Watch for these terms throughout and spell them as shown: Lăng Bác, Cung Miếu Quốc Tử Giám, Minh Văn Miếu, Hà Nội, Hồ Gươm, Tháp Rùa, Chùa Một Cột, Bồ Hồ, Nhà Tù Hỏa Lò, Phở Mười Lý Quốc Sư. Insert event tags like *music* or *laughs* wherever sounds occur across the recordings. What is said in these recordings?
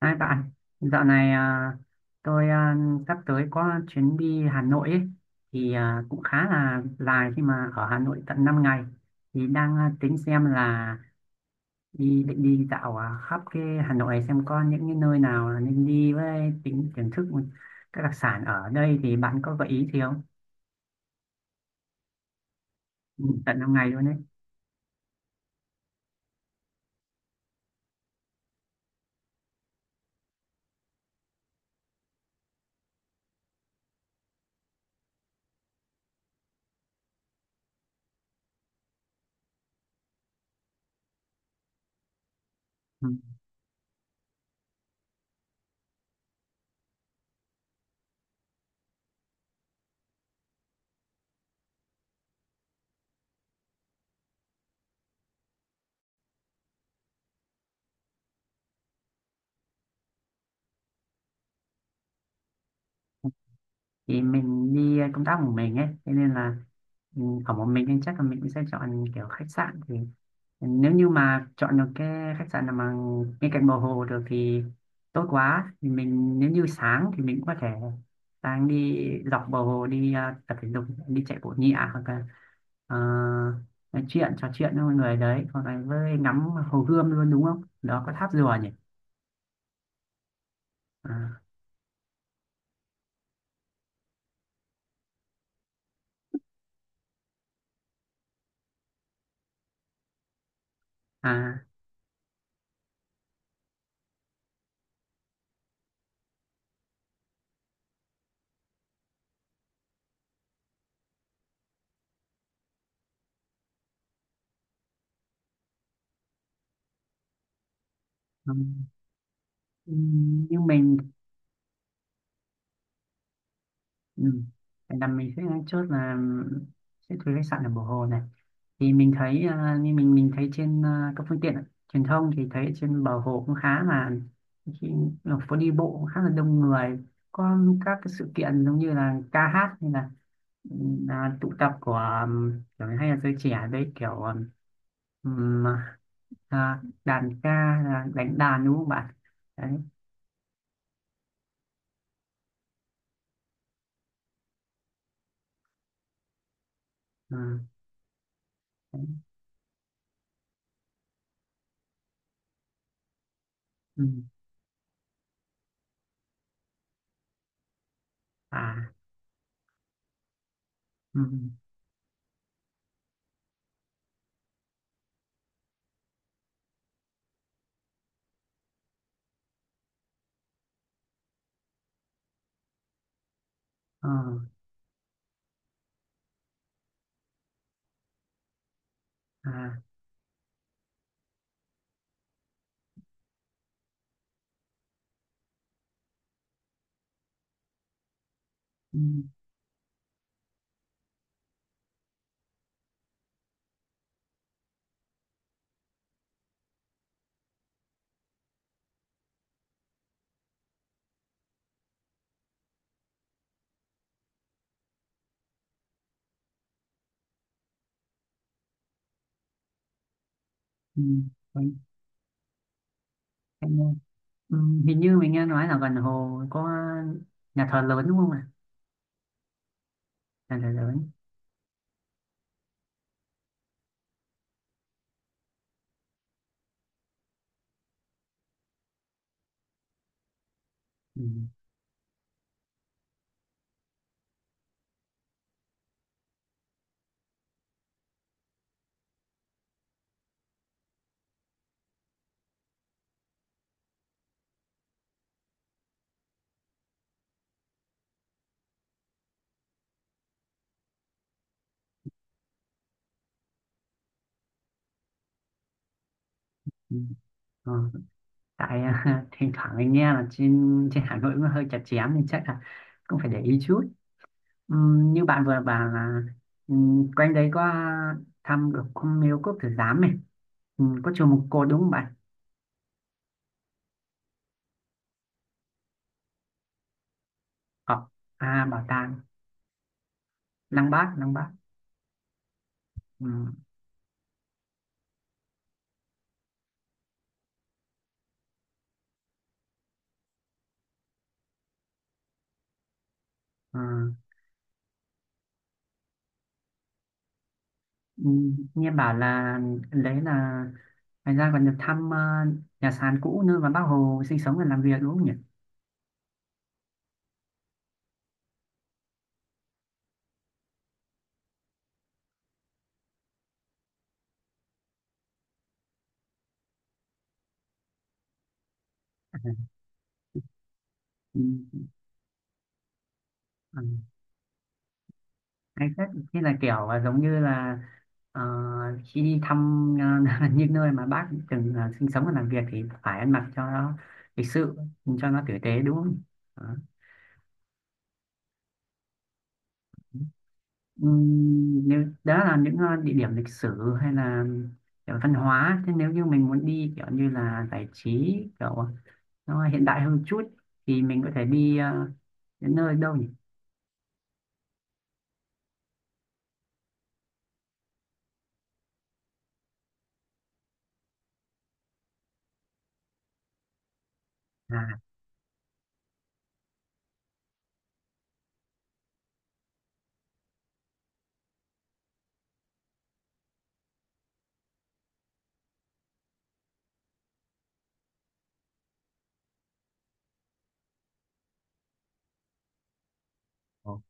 Hai bạn, dạo này tôi sắp tới có chuyến đi Hà Nội ấy, thì cũng khá là dài khi mà ở Hà Nội tận 5 ngày thì đang tính xem là định đi dạo khắp cái Hà Nội này xem có những cái nơi nào là nên đi với tính thưởng thức các đặc sản ở đây thì bạn có gợi ý gì không? Ừ, tận 5 ngày luôn đấy. Ừ. Thì mình đi công tác một mình ấy, thế nên là ừ, ở một mình nên chắc là mình cũng sẽ chọn kiểu khách sạn thì nếu như mà chọn được cái khách sạn nào mà bên cạnh bờ hồ được thì tốt quá thì mình nếu như sáng thì mình cũng có thể sáng đi dọc bờ hồ đi tập thể dục đi chạy bộ nhẹ hoặc là ờ, nói chuyện trò chuyện với mọi người đấy hoặc là với ngắm hồ Gươm luôn đúng không, đó có tháp Rùa nhỉ? à, à ừ. nhưng mình Ừ. Vậy là mình sẽ chốt là sẽ thuê khách sạn ở Bồ Hồ này, thì mình thấy như mình thấy trên các phương tiện truyền thông thì thấy trên Bờ Hồ cũng khá là khi ở phố đi bộ cũng khá là đông người, có các cái sự kiện giống như là ca hát hay là, ừ, là tụ tập của kiểu hay là giới trẻ đấy kiểu ừm, đàn ca là đánh đàn, đúng không bạn? Đấy, ừ, đấy. Ừ. à ừ. Ờ. à ừ. Ừ, mình, em nghe. Ừ, hình như mình nghe nói là gần hồ có nhà thờ lớn đúng không ạ? Nhà thờ lớn. Ừ, ừ. Ờ, tại *laughs* thỉnh thoảng mình nghe là trên trên Hà Nội nó hơi chặt chém nên chắc là cũng phải để ý chút. Ừ, như bạn vừa bảo là ừ, quanh đấy có thăm được cung miếu quốc tử giám này, ừ, có chùa Một Cột đúng không bạn? Ờ, bảo tàng Lăng Bác, Lăng Bác. Ừ, ờ. Ừ, nghe bảo là đấy là thành ra còn được thăm nhà sàn cũ nơi mà bác Hồ sinh sống và làm việc, đúng không nhỉ? Ừ, ừ, hay phết, thế là kiểu giống như là ờ, khi đi thăm *laughs* những nơi mà bác từng sinh sống và làm việc thì phải ăn mặc cho nó lịch sự, cho nó tử tế đúng không? Đó. Ừ, nếu đó là những địa điểm lịch sử hay là kiểu văn hóa thế, nếu như mình muốn đi kiểu như là giải trí kiểu nó hiện đại hơn chút thì mình có thể đi đến nơi đâu nhỉ? à Ồ.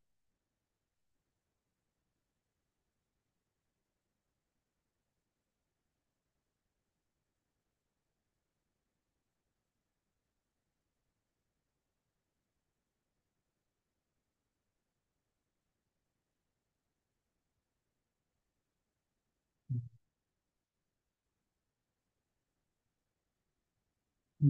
Ừ.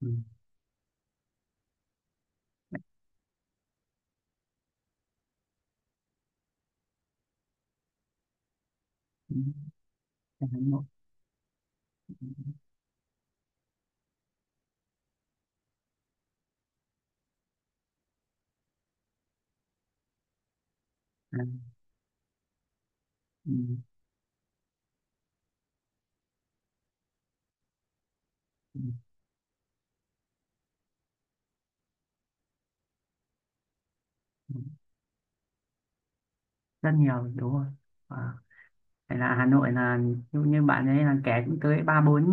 Ừ. Ừ. Hà Nội. à, ừ. Ừ. Ừ. Rất nhiều, đúng rồi. à, Phải, là Hà Nội là như bạn ấy là kẻ cũng tới ba bốn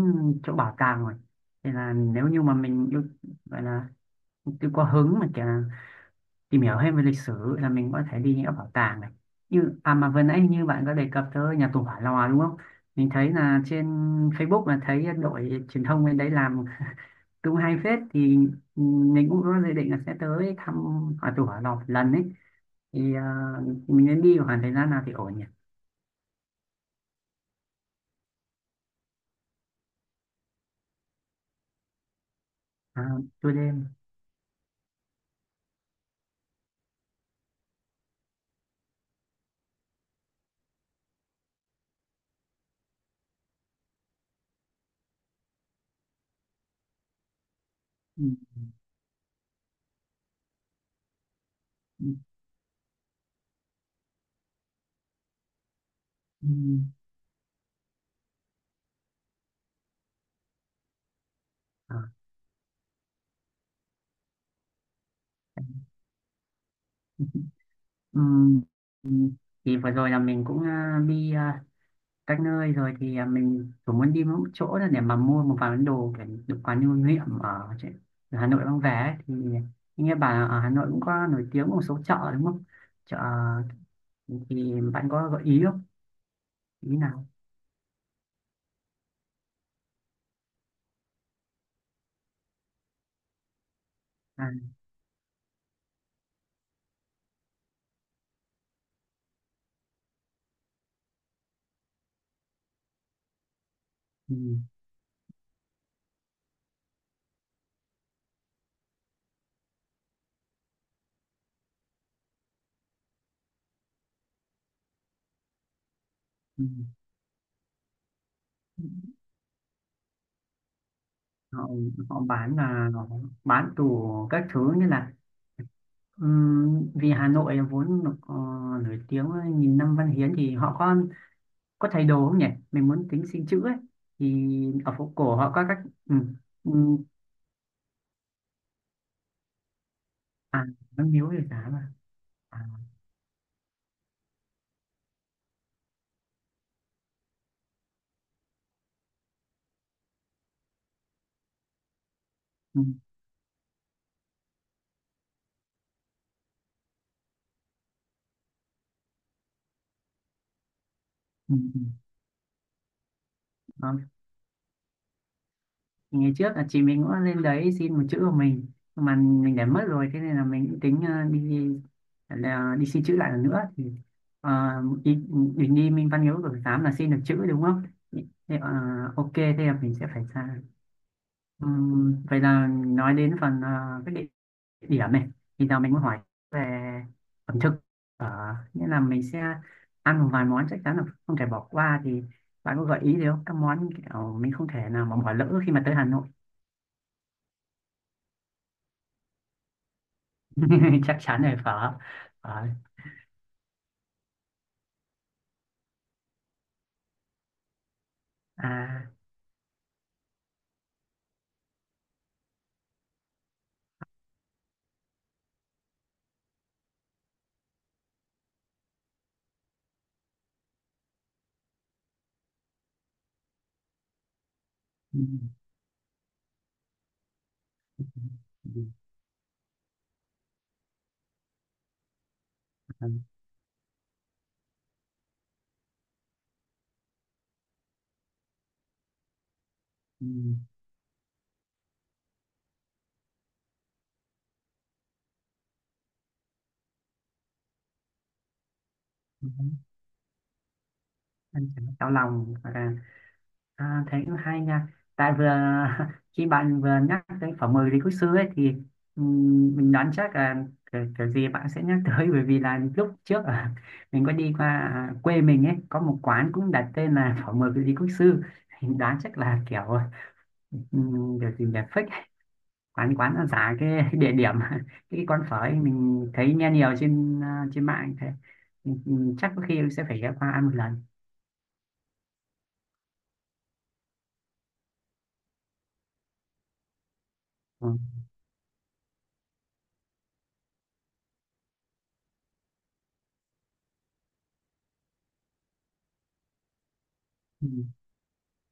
chỗ bảo tàng rồi, thì là nếu như mà mình yêu gọi là tôi có hứng mà kìa, tìm hiểu thêm về lịch sử là mình có thể đi những các bảo tàng này, như à mà vừa nãy như bạn có đề cập tới nhà tù Hỏa Lò đúng không. Mình thấy là trên Facebook là thấy đội truyền thông bên đấy làm *laughs* cũng hay phết, thì ừ, mình cũng có dự định là sẽ tới thăm nhà tù Hỏa Lò một lần ấy, thì mình nên đi khoảng thời gian nào thì ổn nhỉ? à, tôi đêm. Ừ, ừ, ừ, à. *laughs* Ừ. Ừ. Thì vừa rồi là mình cũng đi các nơi rồi thì mình cũng muốn đi một chỗ là để mà mua một vài món đồ để được quán lưu niệm ở, trên- ở Hà Nội mang về ấy. Thì nghe bà ở Hà Nội cũng có nổi tiếng một số chợ đúng không, chợ thì bạn có gợi ý không, ý nào? à, ừ, ừ. họ Họ bán là họ bán tủ các thứ như là vì Hà Nội vốn được, nổi tiếng với nghìn năm văn hiến thì họ có thầy đồ không nhỉ, mình muốn tính xin chữ ấy, thì ở phố cổ họ có các ừ. Ừ. à nó miếu thì giá mà à, ừ. Ừ. Ừ. Đó. Thì ngày trước là chị mình cũng lên đấy xin một chữ của mình, nhưng mà mình để mất rồi thế nên là mình cũng tính đi là đi xin chữ lại lần nữa thì ờ, mình đi Minh Văn Miếu của tám là xin được chữ đúng không, thế, ok thế là mình sẽ phải sang. Vậy là nói đến phần quyết định điểm này thì giờ mình muốn hỏi về ẩm thực, ở nghĩa là mình sẽ ăn một vài món chắc chắn là không thể bỏ qua, thì bạn có gợi ý gì không, các món kiểu mình không thể nào mà bỏ lỡ khi mà tới Hà Nội? *laughs* Chắc chắn là phở. Phở. à ừ, ừ, ừ, ừ, ừ, ăn cháo lòng hoặc là. À, thế cũng hay nha. Tại vừa *laughs* khi bạn vừa nhắc tới Phở 10 Lý Quốc Sư ấy thì mình đoán chắc là kiểu gì bạn sẽ nhắc tới, *laughs* bởi vì là lúc trước ở mình có đi qua quê mình ấy có một quán cũng đặt tên là *laughs* Phở 10 Lý Quốc Sư. Mình đoán chắc là kiểu kiểu gì nhỉ, fake, quán quán nó giả cái địa điểm, *laughs* cái quán phở ấy mình thấy nghe nhiều trên trên mạng thế. Chắc có khi sẽ phải ghé qua ăn một lần. Ừ.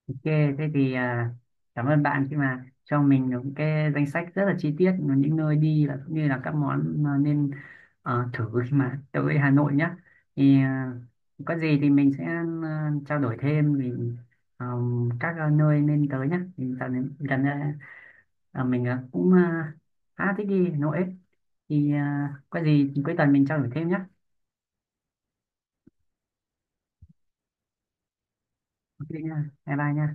Ok, thế thì cảm ơn bạn khi mà cho mình những cái danh sách rất là chi tiết những nơi đi và cũng như là các món mà nên thử khi mà tới Hà Nội nhé. Thì có gì thì mình sẽ trao đổi thêm vì các nơi nên tới nhé. Thì dạo này gần đây mình cũng khá thích đi Hà Nội ấy. Thì có gì thì cuối tuần mình trao đổi thêm nhé. Ok nha, bye bye nha.